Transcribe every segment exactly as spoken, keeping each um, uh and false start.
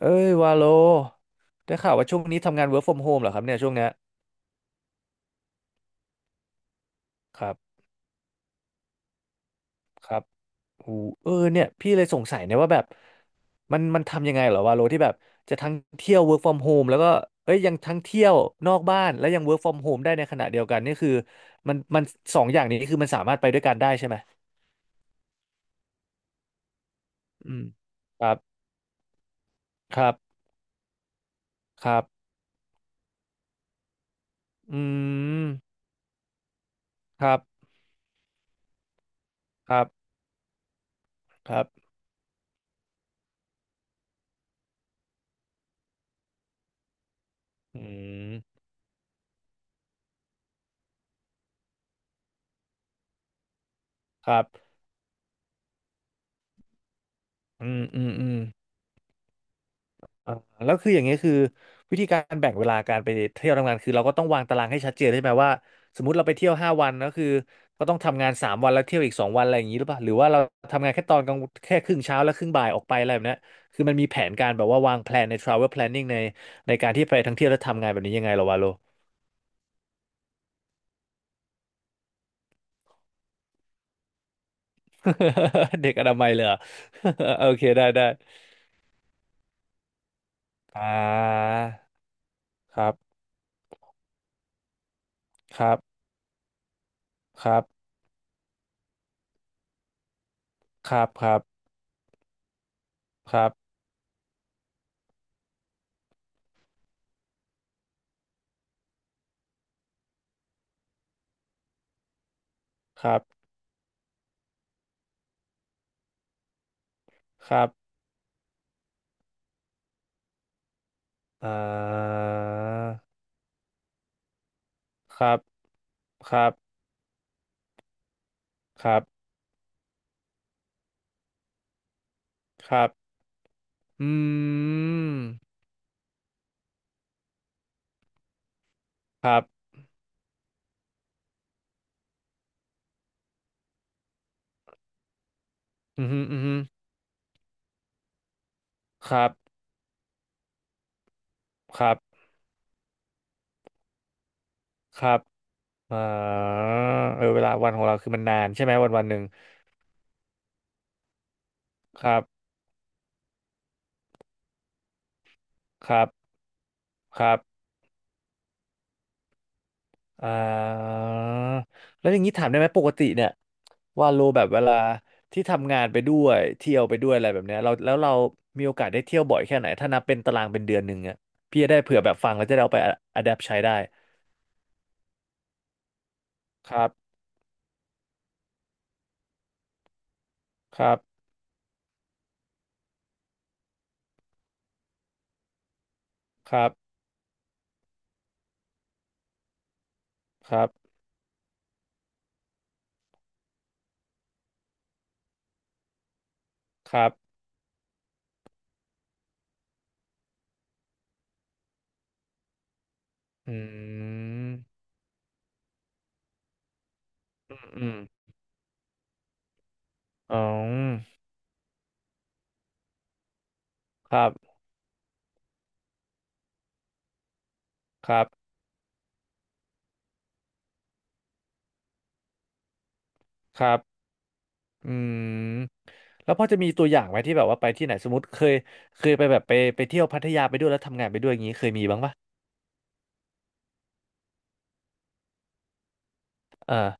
เอ้ยวาโลได้ข่าวว่าช่วงนี้ทำงาน work from home เหรอครับเนี่ยช่วงเนี้ยครับครับอูเออเนี่ยพี่เลยสงสัยเนี่ยว่าแบบมันมันทำยังไงเหรอวาโลที่แบบจะทั้งเที่ยว work from home แล้วก็เอ้ยยังทั้งเที่ยวนอกบ้านและยัง work from home ได้ในขณะเดียวกันนี่คือมันมันสองอย่างนี้คือมันสามารถไปด้วยกันได้ใช่ไหมอืมครับครับครับอืมครับครับครับอืมครับอืมอืมอืม อ่าแล้วคืออย่างเงี้ยคือวิธีการแบ่งเวลาการไปเที่ยวทำงานคือเราก็ต้องวางตารางให้ชัดเจนใช่ไหมว่าสมมติเราไปเที่ยวห้าวันก็คือก็ต้องทำงานสามวันแล้วเที่ยวอีกสองวันอะไรอย่างนี้หรือเปล่าหรือว่าเราทำงานแค่ตอนกลางแค่ครึ่งเช้าแล้วครึ่งบ่ายออกไปอะไรแบบเนี้ยคือมันมีแผนการแบบว่าวางแผนใน travel planning ในในการที่ไปทั้งเที่ยวและทำงานแบบนี้ยังไงเหรอวะโล เด็กอนามัยเลยเหรอ โอเคได้ได้อ่าครับครับครับครับครับครับครับครับอ่า ครับครับครับครับอืมครับอืมอหืมออือหือครับครับครับอ่าเออเวลาวันของเราคือมันนานใช่ไหมวันวันหนึ่งครับครับครับอ่าแล้วอย่างนี้ถามได้ไหมปกติเนี่ยว่าโลแบบเวลาที่ทำงานไปด้วยเที่ยวไปด้วยอะไรแบบเนี้ยเราแล้วเรามีโอกาสได้เที่ยวบ่อยแค่ไหนถ้านับเป็นตารางเป็นเดือนหนึ่งอ่ะพี่จะได้เผื่อแบบฟังแล้วจะได้เอาไปอะแดปใช้ได้ครับครับครับครับ ครับอืมอืมอ๋อครับ ครับครับอืมแล้วพอจะมีตัวอย่างไหมที่แบบว่าไปที่ไหนสมมติเคยเคยไปแบบไปไปเที่ยวพัทยาไปด้วยแล้วทำงานไปด้วยอย่างนี้เคยมีบ้างปะเออ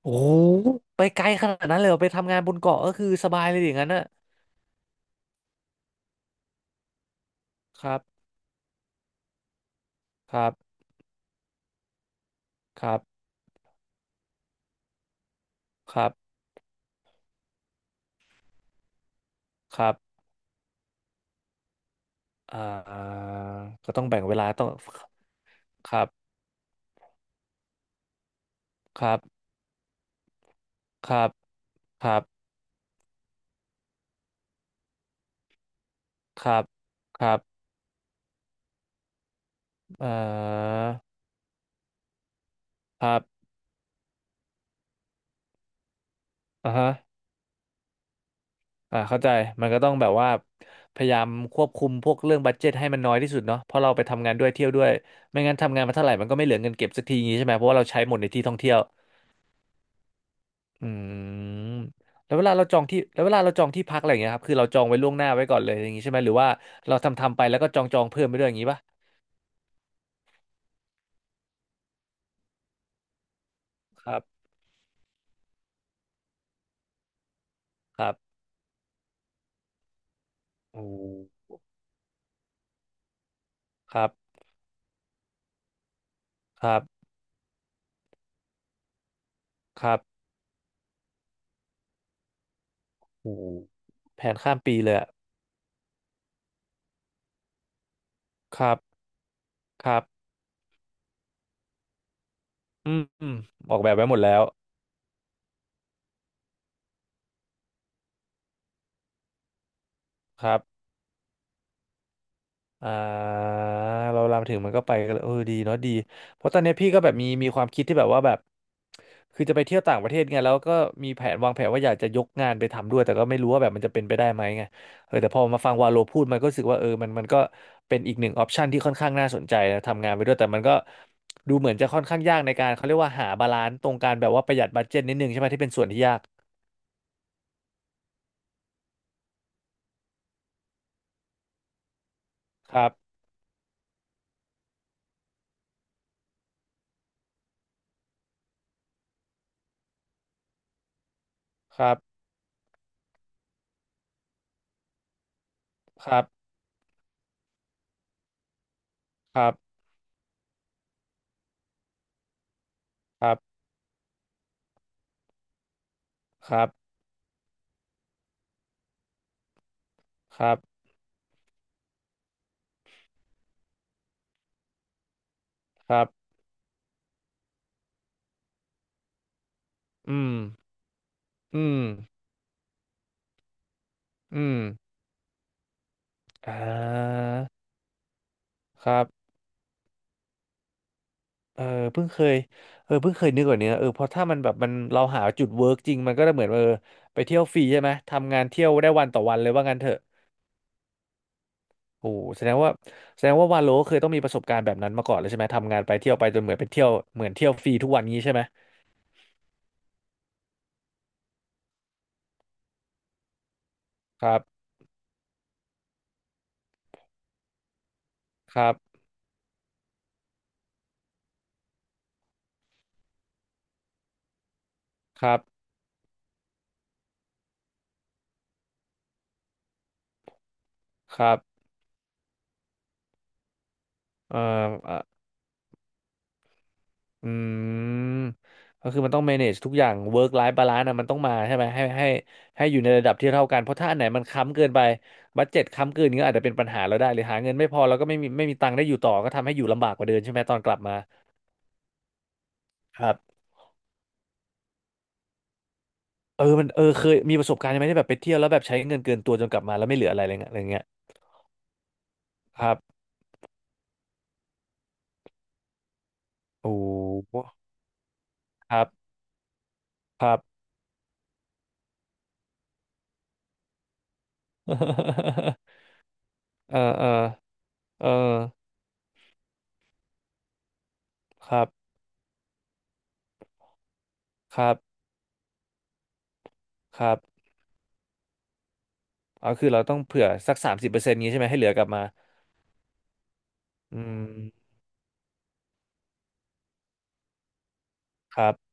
โอ้โหไปไกลขนาดนั้นเลยเหรอไปทำงานบนเกาะก็คือสบายเลยอย่างนั้นนะครับครับครับครับครับอ่าก็ต้องแบ่งเวลาต้องครับครับครับครับครับครับเอ่อครับอ่าฮะ อ่าเข้าใจมันก็ต้องแบบว่าพยายามควบคุมพวกเรื่องบัดเจ็ตให้มันน้อยที่สุดเนาะเพราะเราไปทำงานด้วยเที่ยวด้วยไม่งั้นทำงานมาเท่าไหร่มันก็ไม่เหลือเงินเก็บสักทีอย่างงี้ใช่ไหมเพราะว่าเราใช้หมดในที่ท่องเที่ยวอืมแล้วเวลาเราจองที่แล้วเวลาเราจองที่พักอะไรอย่างเงี้ยครับคือเราจองไว้ล่วงหน้าไว้ก่อนเลยอย่างงี้ใช่ไหมหรือว่าเราทำทำไปแล้วก็จองจองเพิ่มไปด้วยอย่างงี้ป่ะครับครับโอ้ครับครับครับโอ้แผนข้ามปีเลยอะครับครับอืมอมออกแบบไว้หมดแล้วครับ อ่าเราเราถึงมันก็ไปกันเลยเออดีเนาะดีเพราะตอนเนี้ยพี่ก็แบบมีมีความคิดที่แบบว่าแบบคือจะไปเที่ยวต่างประเทศไงแล้วก็มีแผนวางแผนว่าอยากจะยกงานไปทำด้วยแต่ก็ไม่รู้ว่าแบบมันจะเป็นไปได้ไหมไงเออแต่พอมาฟังวาโลพูดมันก็รู้สึกว่าเออมันมันก็เป็นอีกหนึ่งออปชันที่ค่อนข้างน่าสนใจนะทำงานไปด้วยแต่มันก็ดูเหมือนจะค่อนข้างยากในการเขาเรียกว่าหาบาลานซ์ตรงการแบบว่าประหยัดบัดเจ็ตนิดนึงใช่ไหมที่เป็นส่วนที่ยากครับครับครับครับครับครับครับครับอืมอืม อืมอ่าครับเออเพิ่งเคยเออเพิ่งเคยนึกแบบนี้นะเออเพราะถ้ามันแบบมันเราหาจุดเวิร์กจริงมันก็จะเหมือนเออไปเที่ยวฟรีใช่ไหมทำงานเที่ยวได้วันต่อวันเลยว่างั้นเถอะโอ้โหแสดงว่าแสดงว่าวาโลเคยต้องมีประสบการณ์แบบนั้นมาก่อนเลยใช่ไหมทำงานไปเที่ยวไปจนเหมือนเป็นเที่ยวเหมือนเที่ยวฟรีทุกวันงี้ใช่ไหมครับครับครับครับเอ่อ อืมก็คือมันต้อง manage ทุกอย่าง work life balance นะมันต้องมาใช่ไหมให้ให้ให้อยู่ในระดับที่เท่ากันเพราะถ้าอันไหนมันค้ำเกินไปบัดเจ็ตค้ำเกินก็อาจจะเป็นปัญหาเราได้หรือหาเงินไม่พอแล้วก็ไม่มีไม่มีตังค์ได้อยู่ต่อก็ทำให้อยู่ลำบากกว่าเดิมใช่ไหมตอนกลับมาครับเออมันเออเคยมีประสบการณ์ไหมที่แบบไปเที่ยวแล้วแบบใช้เงินเกินตัวจนกลับมาแล้วไม่เหลืออะไรอะไรเงี้ยอะไรเงี้ยครับโอ้โหครับครับ เออเออเออครับครับครับเอาคือเราต้องเผื่อสักสามสิบเปอร์เซ็นต์งี้ใช่ไหมให้เหลือกลับมา อืมครับ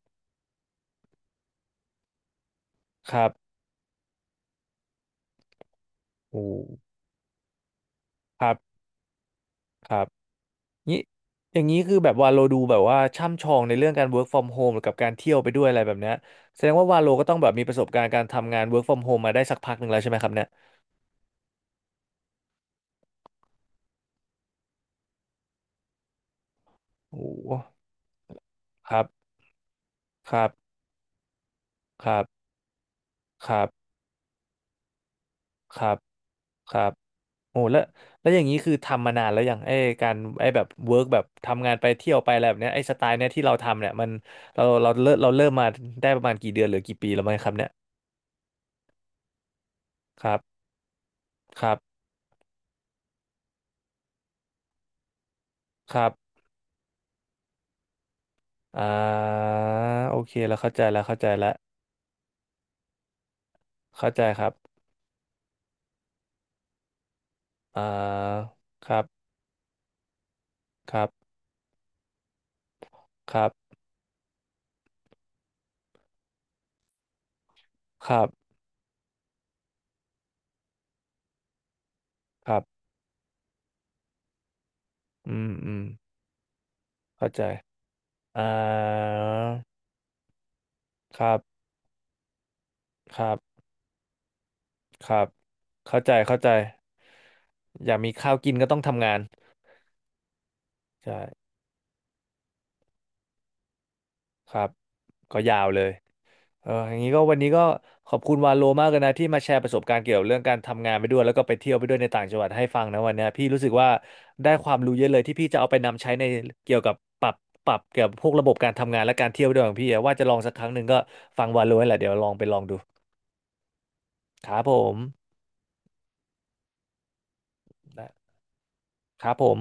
ครับโอ้ครับครับนี่อย่างนี้คือแบบวาโลดูแบบว่าช่ำชองในเรื่องการ work from home หรือกับการเที่ยวไปด้วยอะไรแบบเนี้ยแสดงว่าวาโลก็ต้องแบบมีประสบการณ์การทำงาน work from home มาได้สักพักหนึ่งแล้วใช่ไหมครับเนี่ยโอ้ครับครับครับครับครับครับโอ้แล้วแล้วอย่างนี้คือทำมานานแล้วอย่างไอ้การไอ้แบบ work แบบทำงานไปเที่ยวไปอะไรแบบเนี้ยไอ้สไตล์เนี้ยที่เราทำเนี่ยมันเราเราเริ่มเราเริ่มมาได้ประมาณกี่เดือนหรือกี่ปีแล้วไหมครับเนี่ยครับครับ อ่าโอเคแล้วเข้าใจแล้วเข้าใจแล้วเข้าใจครับอ่าครับครับครับครับครับอืมอืมเข้าใจอ่าครับครับครับเข้าใจเข้าใจอยากมีข้าวกินก็ต้องทำงานใช่ครับก็ยาวเลย เอออย่างนี้ก็วันนี้ก็ขอบคุณวาโลมากเลยนะที่มาแชร์ประสบการณ์เกี่ยวกับเรื่องการทำงานไปด้วยแล้วก็ไปเที่ยวไปด้วยในต่างจังหวัดให้ฟังนะวันเนี้ยพี่รู้สึกว่าได้ความรู้เยอะเลยที่พี่จะเอาไปนำใช้ในเกี่ยวกับปรับปรับเกี่ยวกับพวกระบบการทำงานและการเที่ยวด้วยของพี่อะว่าจะลองสักครั้งหนึ่งก็ฟังวาโลแหละเดี๋ยวลองไปลองดูครับผมนะครับผม